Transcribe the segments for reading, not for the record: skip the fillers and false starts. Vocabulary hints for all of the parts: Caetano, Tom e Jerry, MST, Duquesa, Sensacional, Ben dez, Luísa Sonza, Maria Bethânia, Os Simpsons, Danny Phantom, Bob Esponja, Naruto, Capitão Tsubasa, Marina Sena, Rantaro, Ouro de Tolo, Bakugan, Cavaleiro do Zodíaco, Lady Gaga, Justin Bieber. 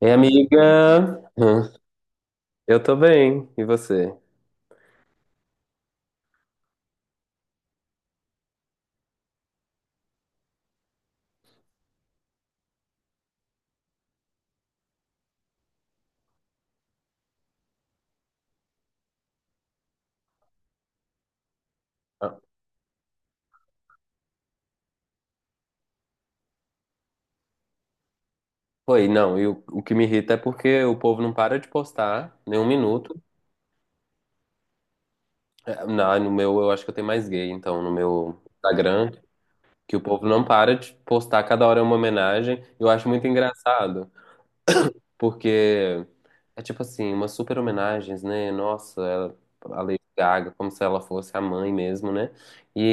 Ei, amiga! Hã? Eu tô bem, e você? Ah, oi, não, e o que me irrita é porque o povo não para de postar nem um minuto. É, no meu, eu acho que eu tenho mais gay, então, no meu Instagram, que o povo não para de postar, cada hora é uma homenagem. Eu acho muito engraçado, porque é tipo assim, umas super homenagens, né? Nossa, ela, a Lady Gaga, como se ela fosse a mãe mesmo, né? E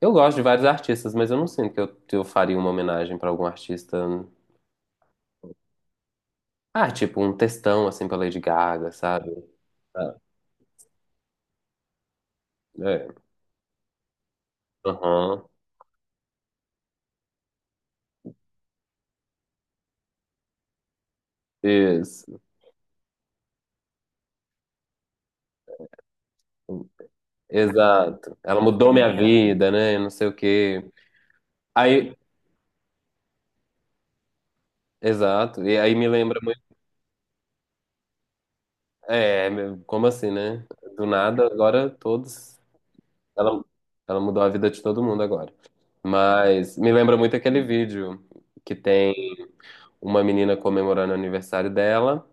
eu gosto de vários artistas, mas eu não sinto que eu faria uma homenagem pra algum artista. Ah, tipo um textão assim pra Lady Gaga, sabe? Ah, é. Aham. Isso. Exato. Ela mudou minha vida, né? Não sei o quê. Aí, exato. E aí me lembra muito. É, meu, como assim, né? Do nada, agora todos. Ela, ela mudou a vida de todo mundo agora. Mas me lembra muito aquele vídeo que tem uma menina comemorando o aniversário dela.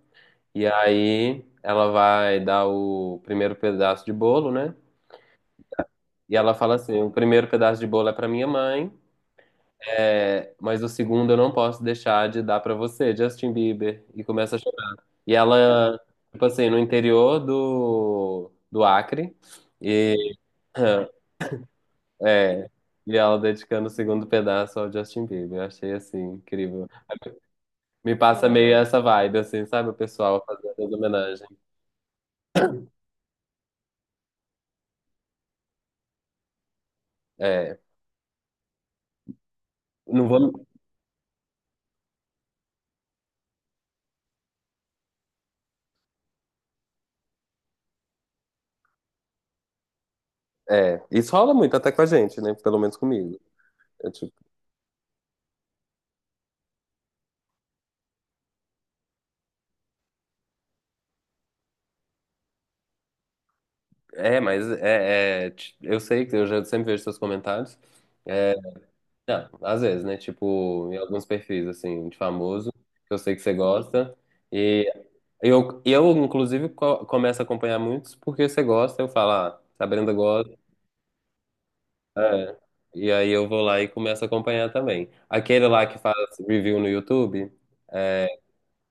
E aí ela vai dar o primeiro pedaço de bolo, né? E ela fala assim: o primeiro pedaço de bolo é pra minha mãe, é, mas o segundo eu não posso deixar de dar pra você, Justin Bieber. E começa a chorar. E ela, tipo assim, no interior do Acre, e, é, e ela dedicando o segundo pedaço ao Justin Bieber. Eu achei assim, incrível. Me passa meio essa vibe, assim, sabe? O pessoal fazendo as homenagens. É, não vou. É, isso rola muito até com a gente, né? Pelo menos comigo. Eu, tipo, eu sei que eu já sempre vejo seus comentários. É, não, às vezes, né? Tipo, em alguns perfis, assim, de famoso, que eu sei que você gosta. E eu, começo a acompanhar muitos porque você gosta. Eu falo, ah, se a Brenda gosta. É. E aí eu vou lá e começo a acompanhar também. Aquele lá que faz review no YouTube,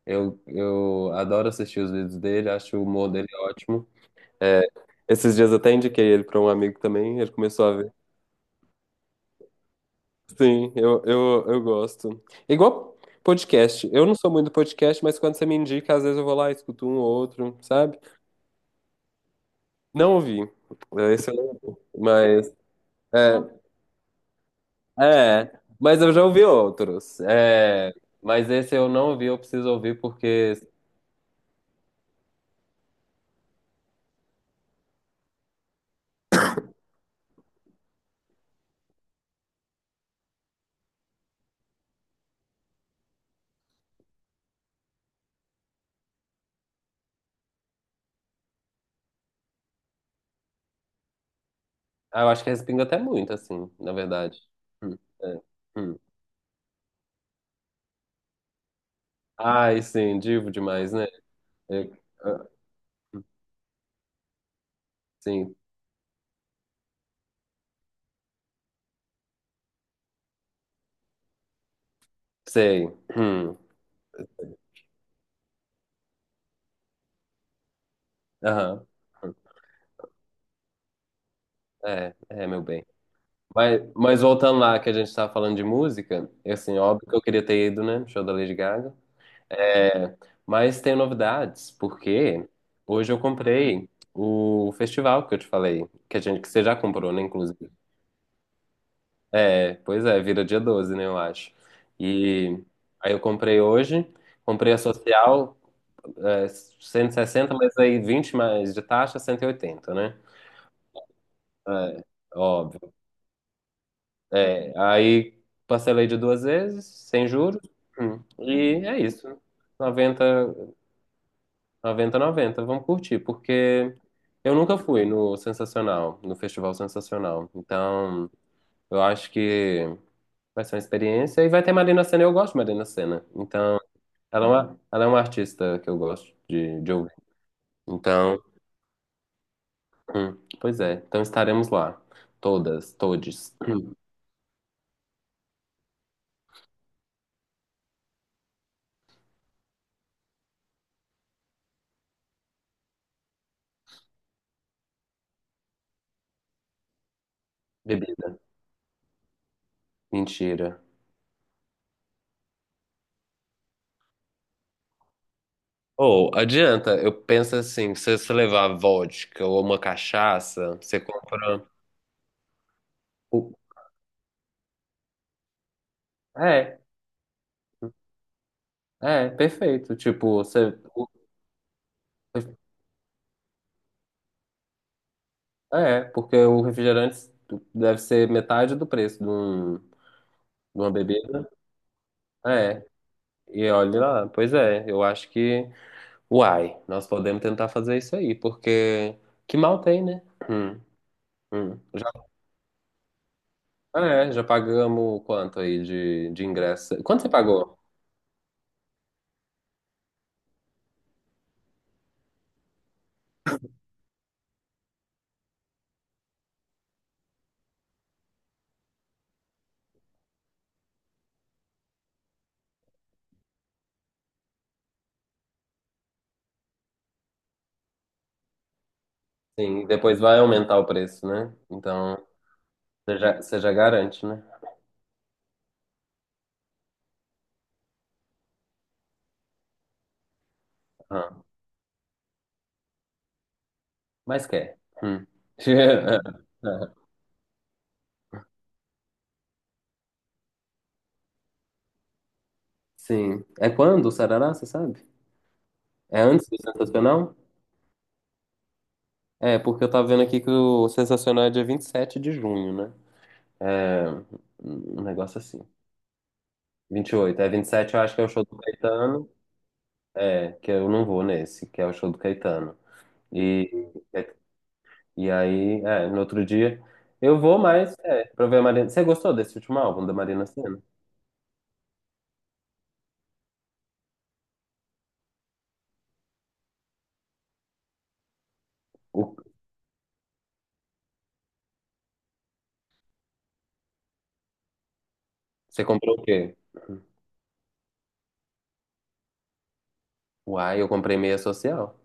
eu adoro assistir os vídeos dele, acho o humor dele ótimo. É, esses dias eu até indiquei ele para um amigo também, ele começou a ver. Sim, eu gosto. É igual podcast. Eu não sou muito podcast, mas quando você me indica, às vezes eu vou lá, escuto um ou outro, sabe? Não ouvi. É, esse eu não ouvi. Mas. É, mas eu já ouvi outros. É, mas esse eu não ouvi, eu preciso ouvir porque ah, eu acho que respinga até muito, assim, na verdade. É, hum. Ai, sim, divo demais, né? Eu- ah, sim, sei. Hum, aham. Hum, é, é, meu bem. Mas, voltando lá que a gente estava falando de música, e assim, óbvio que eu queria ter ido, né? No Show da Lady Gaga. É, mas tem novidades, porque hoje eu comprei o festival que eu te falei, que a gente que você já comprou, né, inclusive. É, pois é, vira dia 12, né, eu acho. E aí eu comprei hoje, comprei a social, é, 160, mas aí 20 mais de taxa, 180, né? É, óbvio. É, aí parcelei de duas vezes, sem juros, e é isso. 90 Noventa vamos curtir, porque eu nunca fui no Sensacional, no Festival Sensacional. Então, eu acho que vai ser uma experiência e vai ter Marina Sena, eu gosto de Marina Sena. Então, ela é uma artista que eu gosto de ouvir. Então, pois é, então estaremos lá, todas, todes, bebida, mentira. Ou adianta, eu penso assim, se você levar vodka ou uma cachaça, você compra. o- É, é, perfeito. Tipo, você. É, porque o refrigerante deve ser metade do preço de, um, de uma bebida. É, e olha lá, pois é, eu acho que. Uai, nós podemos tentar fazer isso aí, porque que mal tem, né? Hum, Já, é, já pagamos quanto aí de ingresso? Quanto você pagou? Sim, e depois vai aumentar o preço, né? Então, você já garante, né? Ah, mas quer. Hum. Sim. É quando o Sarará, você sabe? É antes do Sensacional? É, porque eu tava vendo aqui que o Sensacional é dia 27 de junho, né? É, um negócio assim. 28. É vinte e sete, eu acho que é o show do Caetano. É, que eu não vou nesse, que é o show do Caetano. E e aí, é, no outro dia, eu vou, mais é, pra ver a Marina. Você gostou desse último álbum da Marina Sena? O- Você comprou o quê? Uai, eu comprei meia social.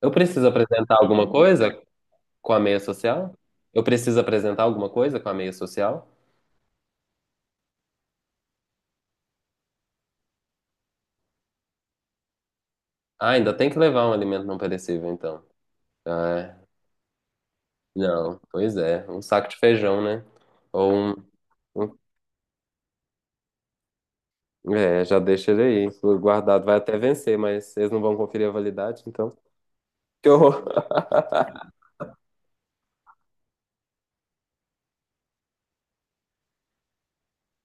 Eu preciso apresentar alguma coisa com a meia social? Eu preciso apresentar alguma coisa com a meia social? Ah, ainda tem que levar um alimento não perecível, então. Ah, é. Não, pois é, um saco de feijão, né? Ou um, um- é, já deixa ele aí, guardado. Vai até vencer, mas eles não vão conferir a validade, então. Que horror!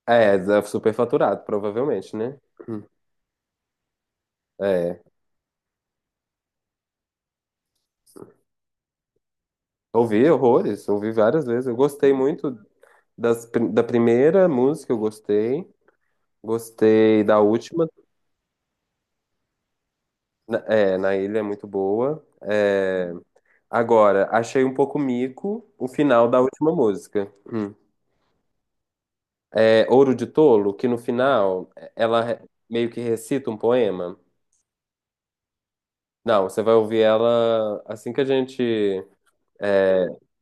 É, é superfaturado, provavelmente, né? Hum. É. Ouvi horrores, ouvi várias vezes. Eu gostei muito da primeira música, eu gostei. Gostei da última. É, na ilha é muito boa. É, agora, achei um pouco mico o final da última música. Hum. É Ouro de Tolo, que no final ela meio que recita um poema. Não, você vai ouvir ela assim que a gente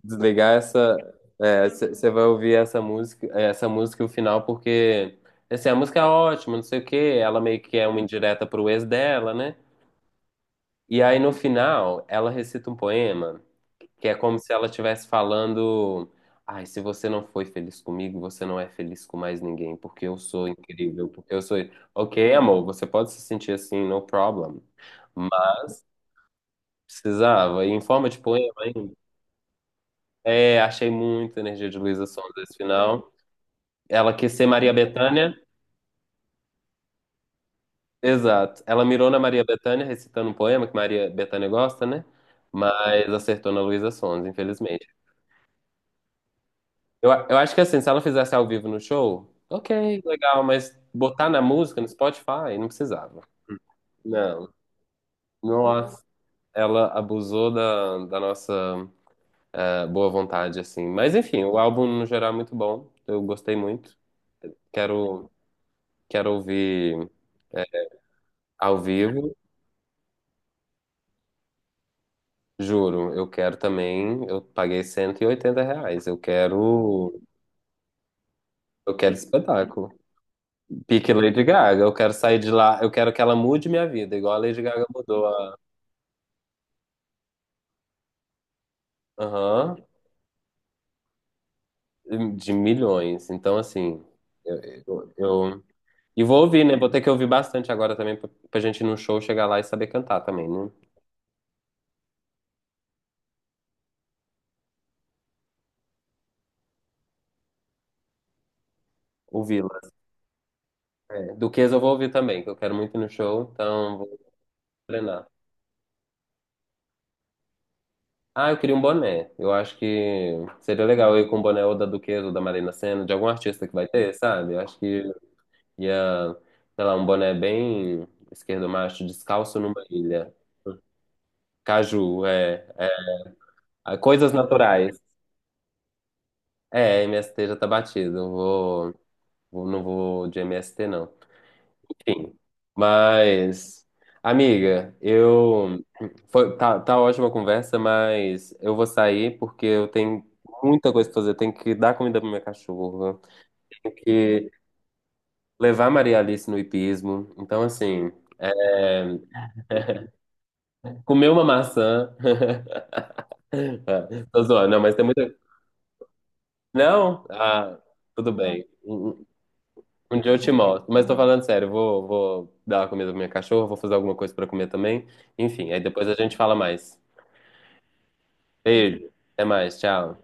desligar essa. Você vai ouvir essa música, é, essa música o final, porque assim, a música é ótima, não sei o quê. Ela meio que é uma indireta pro ex dela, né? E aí no final ela recita um poema que é como se ela estivesse falando. Ai, se você não foi feliz comigo, você não é feliz com mais ninguém, porque eu sou incrível, porque eu sou. Ok, amor, você pode se sentir assim, no problem. Mas precisava. E em forma de poema ainda. É, achei muita energia de Luísa Sonza esse final. Ela quis ser Maria Bethânia, exato. Ela mirou na Maria Bethânia, recitando um poema que Maria Bethânia gosta, né? Mas acertou na Luísa Sons, infelizmente. Eu, acho que assim, se ela fizesse ao vivo no show, ok, legal, mas botar na música, no Spotify, não precisava. Não, nossa, ela abusou da nossa eh, boa vontade, assim. Mas enfim, o álbum no geral é muito bom, eu gostei muito. Quero, quero ouvir eh, ao vivo. Juro, eu quero também. Eu paguei R$ 180. Eu quero. Eu quero espetáculo. Pique Lady Gaga. Eu quero sair de lá. Eu quero que ela mude minha vida, igual a Lady Gaga mudou a. Aham. De milhões. Então, assim. Eu, eu, eu- E vou ouvir, né? Vou ter que ouvir bastante agora também pra, pra gente ir no show chegar lá e saber cantar também, né? Ouvi-la. É. Duquesa eu vou ouvir também, que eu quero muito ir no show, então vou treinar. Ah, eu queria um boné. Eu acho que seria legal eu ir com um boné ou da Duquesa ou da Marina Sena, de algum artista que vai ter, sabe? Eu acho que ia, sei lá, um boné bem esquerdo, macho, descalço numa ilha. Caju, é. É. Ah, coisas naturais. É, MST já tá batido. Eu vou, não vou de MST, não. Enfim. Mas, amiga, eu. Foi, tá, tá ótima a conversa, mas eu vou sair porque eu tenho muita coisa pra fazer. Eu tenho que dar comida pro meu cachorro. Que levar Maria Alice no hipismo. Então, assim, é, comer uma maçã. Tô zoando, não, mas tem muita. Não? Ah, tudo bem. Um dia eu te mostro. Mas tô falando sério, vou, vou dar a comida pra minha cachorra, vou fazer alguma coisa pra comer também. Enfim, aí depois a gente fala mais. Beijo, até mais, tchau.